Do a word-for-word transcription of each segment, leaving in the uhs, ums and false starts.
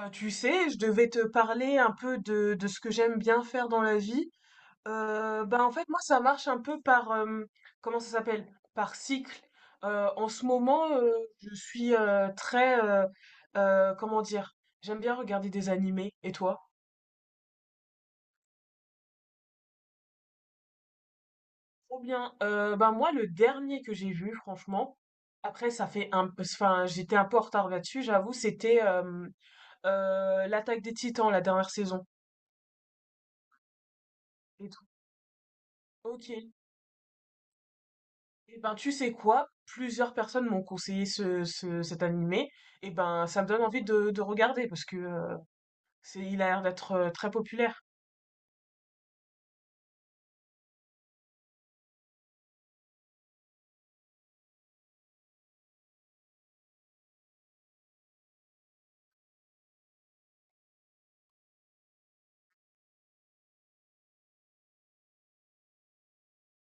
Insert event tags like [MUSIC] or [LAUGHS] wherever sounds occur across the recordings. Euh, tu sais, je devais te parler un peu de, de ce que j'aime bien faire dans la vie. Euh, bah en fait, moi, ça marche un peu par, euh, comment ça s'appelle? Par cycle. Euh, en ce moment, euh, je suis euh, très, euh, euh, comment dire? J'aime bien regarder des animés. Et toi? Trop bien. Euh, bah moi, le dernier que j'ai vu, franchement, après, ça fait un, enfin, j'étais un peu en retard là-dessus, j'avoue, c'était euh, euh, l'Attaque des Titans, la dernière saison. Et tout. Ok. Et ben, tu sais quoi? Plusieurs personnes m'ont conseillé ce, ce- cet animé. Et ben, ça me donne envie de, de regarder parce que euh, c'est, il a l'air d'être euh, très populaire.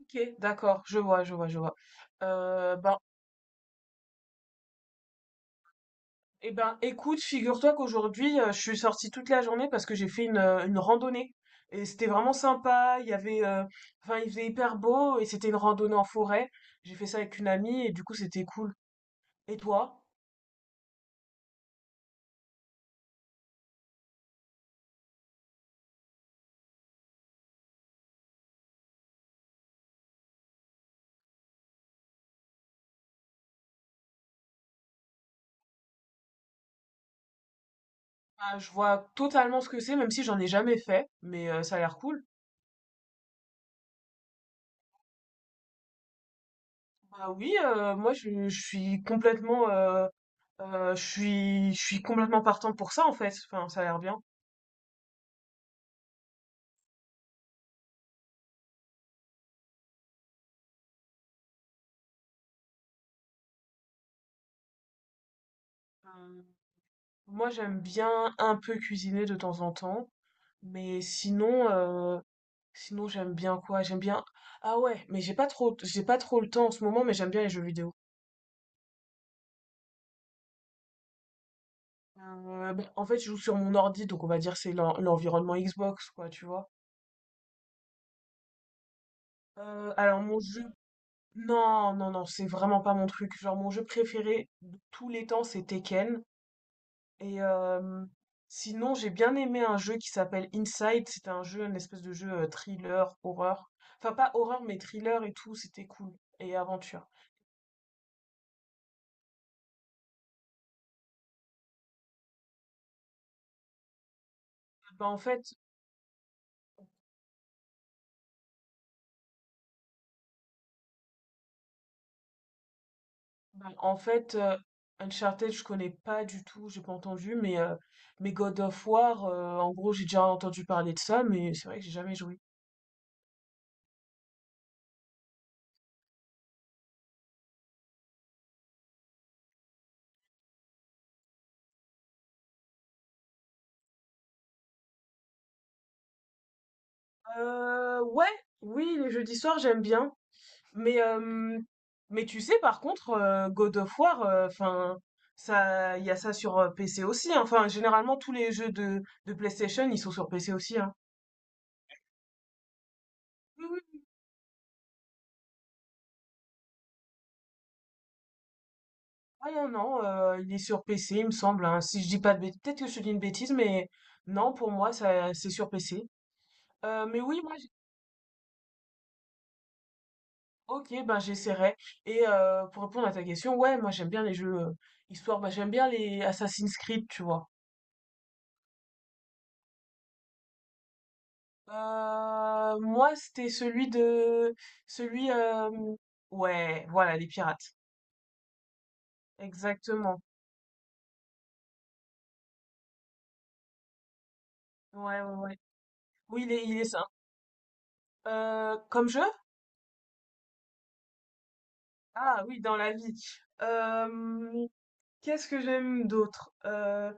Ok, d'accord, je vois, je vois, je vois. Euh, ben, eh ben, écoute, figure-toi qu'aujourd'hui, euh, je suis sortie toute la journée parce que j'ai fait une, euh, une randonnée. Et c'était vraiment sympa. Il y avait, euh, enfin, Il faisait hyper beau et c'était une randonnée en forêt. J'ai fait ça avec une amie et du coup, c'était cool. Et toi? Ah, je vois totalement ce que c'est, même si j'en ai jamais fait, mais euh, ça a l'air cool. Bah oui, heu, moi je je suis complètement, heu heu, je suis je suis complètement partant pour ça en fait, enfin ça a l'air bien. Heu, Moi j'aime bien un peu cuisiner de temps en temps, mais sinon, heu, sinon j'aime bien quoi? J'aime bien ah ouais, mais j'ai pas trop j'ai pas trop le temps en ce moment, mais j'aime bien les jeux vidéo. Heu, bah, en fait je joue sur mon ordi, donc on va dire c'est l'en l'environnement Xbox quoi, tu vois? Heu, alors mon jeu non, non, non, c'est vraiment pas mon truc. Genre mon jeu préféré de tous les temps, c'est Tekken. Et euh, Sinon, j'ai bien aimé un jeu qui s'appelle Inside. C'était un jeu, une espèce de jeu euh, thriller, horreur. Enfin, pas horreur, mais thriller et tout. C'était cool. Et aventure. Bah, en fait, bah, en fait euh, Uncharted, je connais pas du tout. J'ai pas entendu. Mais, euh, mais God of War, euh, en gros, j'ai déjà entendu parler de ça. Mais c'est vrai que j'ai jamais joué. Euh, ouais, oui, les jeudis soirs, j'aime bien. Mais, euh, mais tu sais, par contre, euh, God of War, enfin, ça, il y a ça sur euh, P C aussi, hein. Enfin, généralement, tous les jeux de, de PlayStation, ils sont sur P C aussi, hein. Oui, oui. Ah non, non, euh, il est sur P C, il me semble, hein. Si je dis pas de bêtises, peut-être que je te dis une bêtise, mais non, pour moi, ça, c'est sur P C. Euh, mais oui, moi, j'ai- ok, ben j'essaierai. Et euh, pour répondre à ta question, ouais, moi j'aime bien les jeux euh, histoire, bah, j'aime bien les Assassin's Creed, tu vois. Euh, moi, c'était celui de... Celui... euh, Ouais, voilà, les pirates. Exactement. Ouais, ouais, ouais. Oui, il est, il est ça. Euh, comme jeu? Ah oui, dans la vie. Euh, Qu'est-ce que j'aime d'autre? Euh,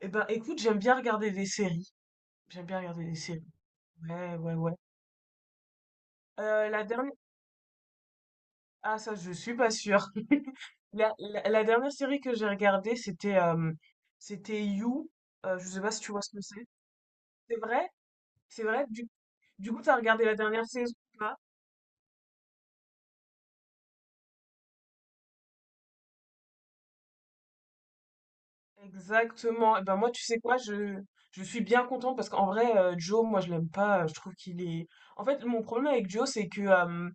eh ben, écoute, j'aime bien regarder des séries. J'aime bien regarder des séries. Ouais, ouais, ouais. Euh, la dernière... Ah, ça, je suis pas sûre. [LAUGHS] La, la- la dernière série que j'ai regardée, c'était euh, c'était You. Euh, je sais pas si tu vois ce que c'est. C'est vrai? C'est vrai? Du, du coup, t'as regardé la dernière saison ou pas? Exactement. Et ben moi, tu sais quoi, je, je suis bien contente parce qu'en vrai, euh, Joe, moi, je l'aime pas. Je trouve qu'il est. En fait, mon problème avec Joe, c'est que, euh,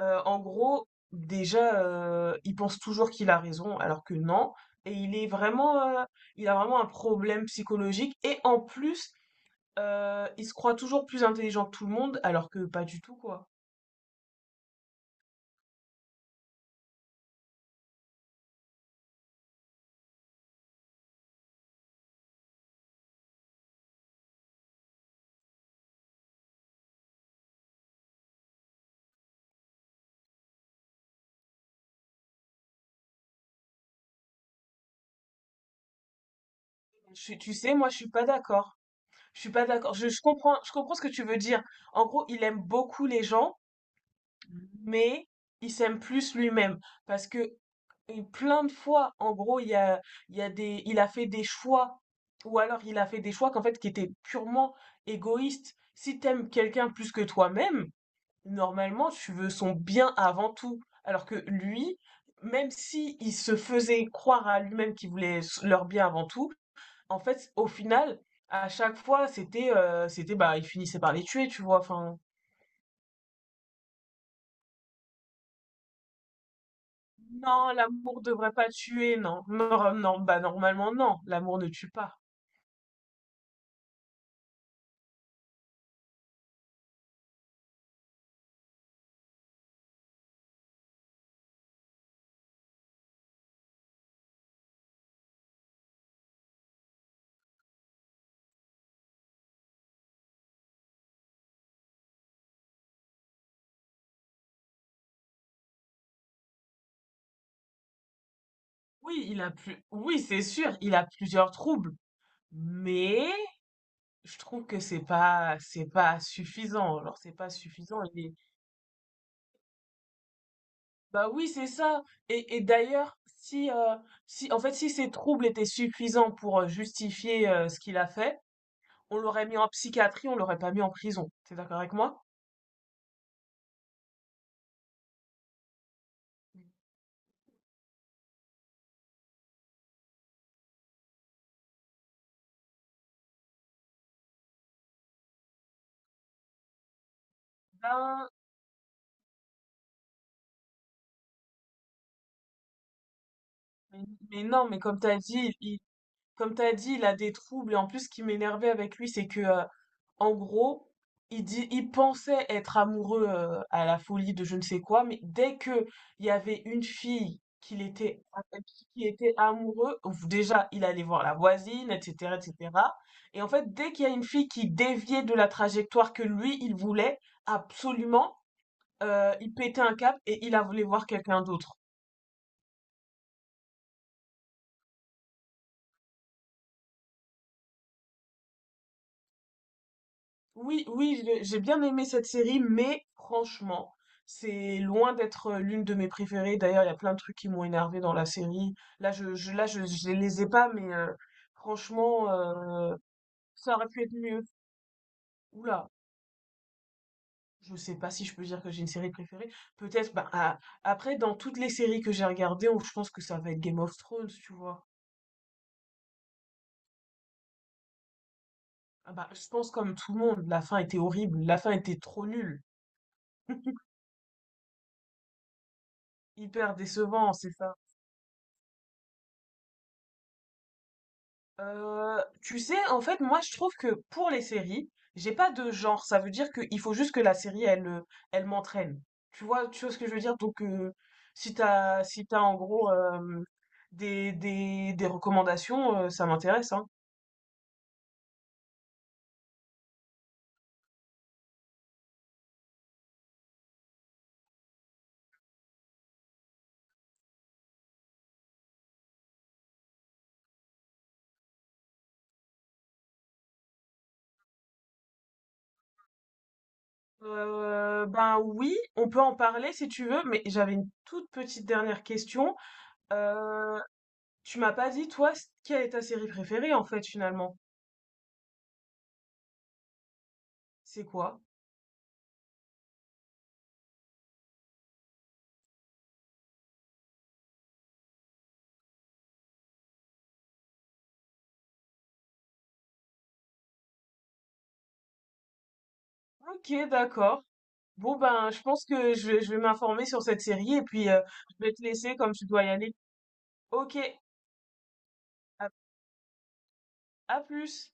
euh, en gros, déjà, euh, il pense toujours qu'il a raison, alors que non. Et il est vraiment, euh, il a vraiment un problème psychologique. Et en plus, euh, il se croit toujours plus intelligent que tout le monde, alors que pas du tout, quoi. Je Tu sais, moi, je suis pas d'accord. Je suis pas d'accord. Je, je comprends, je comprends ce que tu veux dire. En gros, il aime beaucoup les gens, mais il s'aime plus lui-même. Parce que euh, plein de fois, en gros, il y a, il y a des, il a fait des choix, ou alors il a fait des choix qu'en fait, qui étaient purement égoïstes. Si t'aimes quelqu'un plus que toi-même, normalement, tu veux son bien avant tout. Alors que lui, même si il se faisait croire à lui-même qu'il voulait s- leur bien avant tout, en fait, au final, à chaque fois, c'était, heu, c'était, bah, il finissait par les tuer, tu vois? Enfin, non, l'amour devrait pas tuer, non. Non, non, bah, normalement, non, l'amour ne tue pas. Oui, il a plus oui, c'est sûr, il a plusieurs troubles, mais je trouve que c'est pas c'est pas suffisant. Alors c'est pas suffisant, il est bah, oui, c'est ça et et d'ailleurs, si, heu, si en fait, si ces troubles étaient suffisants pour, heu, justifier, heu, ce qu'il a fait, on l'aurait mis en psychiatrie, on l'aurait pas mis en prison. T'es d'accord avec moi? Ben, mais, mais non, mais comme t'as dit, il, Comme t'as dit, il a des troubles. Et en plus, ce qui m'énervait avec lui, c'est que, euh, en gros, il dit, il pensait être amoureux euh, à la folie de je ne sais quoi, mais dès que il y avait une fille qu'il était, avec qui il était amoureux, ouf, déjà, il allait voir la voisine, et cetera, et cetera. Et cetera. Et en fait, dès qu'il y a une fille qui déviait de la trajectoire que lui, il voulait absolument, euh, il pétait un cap et il a voulu voir quelqu'un d'autre. Oui, oui, j'ai j'ai bien aimé cette série, mais franchement, c'est loin d'être euh, l'une de mes préférées. D'ailleurs, il y a plein de trucs qui m'ont énervé dans la série. Là, je, je, là, je, je Les ai pas, mais euh, franchement, euh, ça aurait pu être mieux. Oula, je sais pas si je peux dire que j'ai une série préférée. Peut-être, bah, ah, Après, dans toutes les séries que j'ai regardées, on- je pense que ça va être Game of Thrones, tu vois. Ah bah, je pense comme tout le monde, la fin était horrible, la fin était trop nulle. [LAUGHS] Hyper décevant, c'est ça. Euh, tu sais, en fait, Moi, je trouve que pour les séries, j'ai pas de genre. Ça veut dire qu'il faut juste que la série, elle, euh, elle m'entraîne. Tu vois, tu vois ce que je veux dire? Donc, euh, si t'as, si t'as en gros euh, des, des, des recommandations, euh, ça m'intéresse, hein. Euh, ben oui, on peut en parler si tu veux, mais j'avais une toute petite dernière question. Euh, Tu m'as pas dit, toi, c- quelle est ta série préférée, en fait, finalement? C'est quoi? Ok, d'accord. Bon, ben, je pense que je vais, je vais m'informer sur cette série et puis euh, je vais te laisser comme tu dois y aller. Ok, à à plus.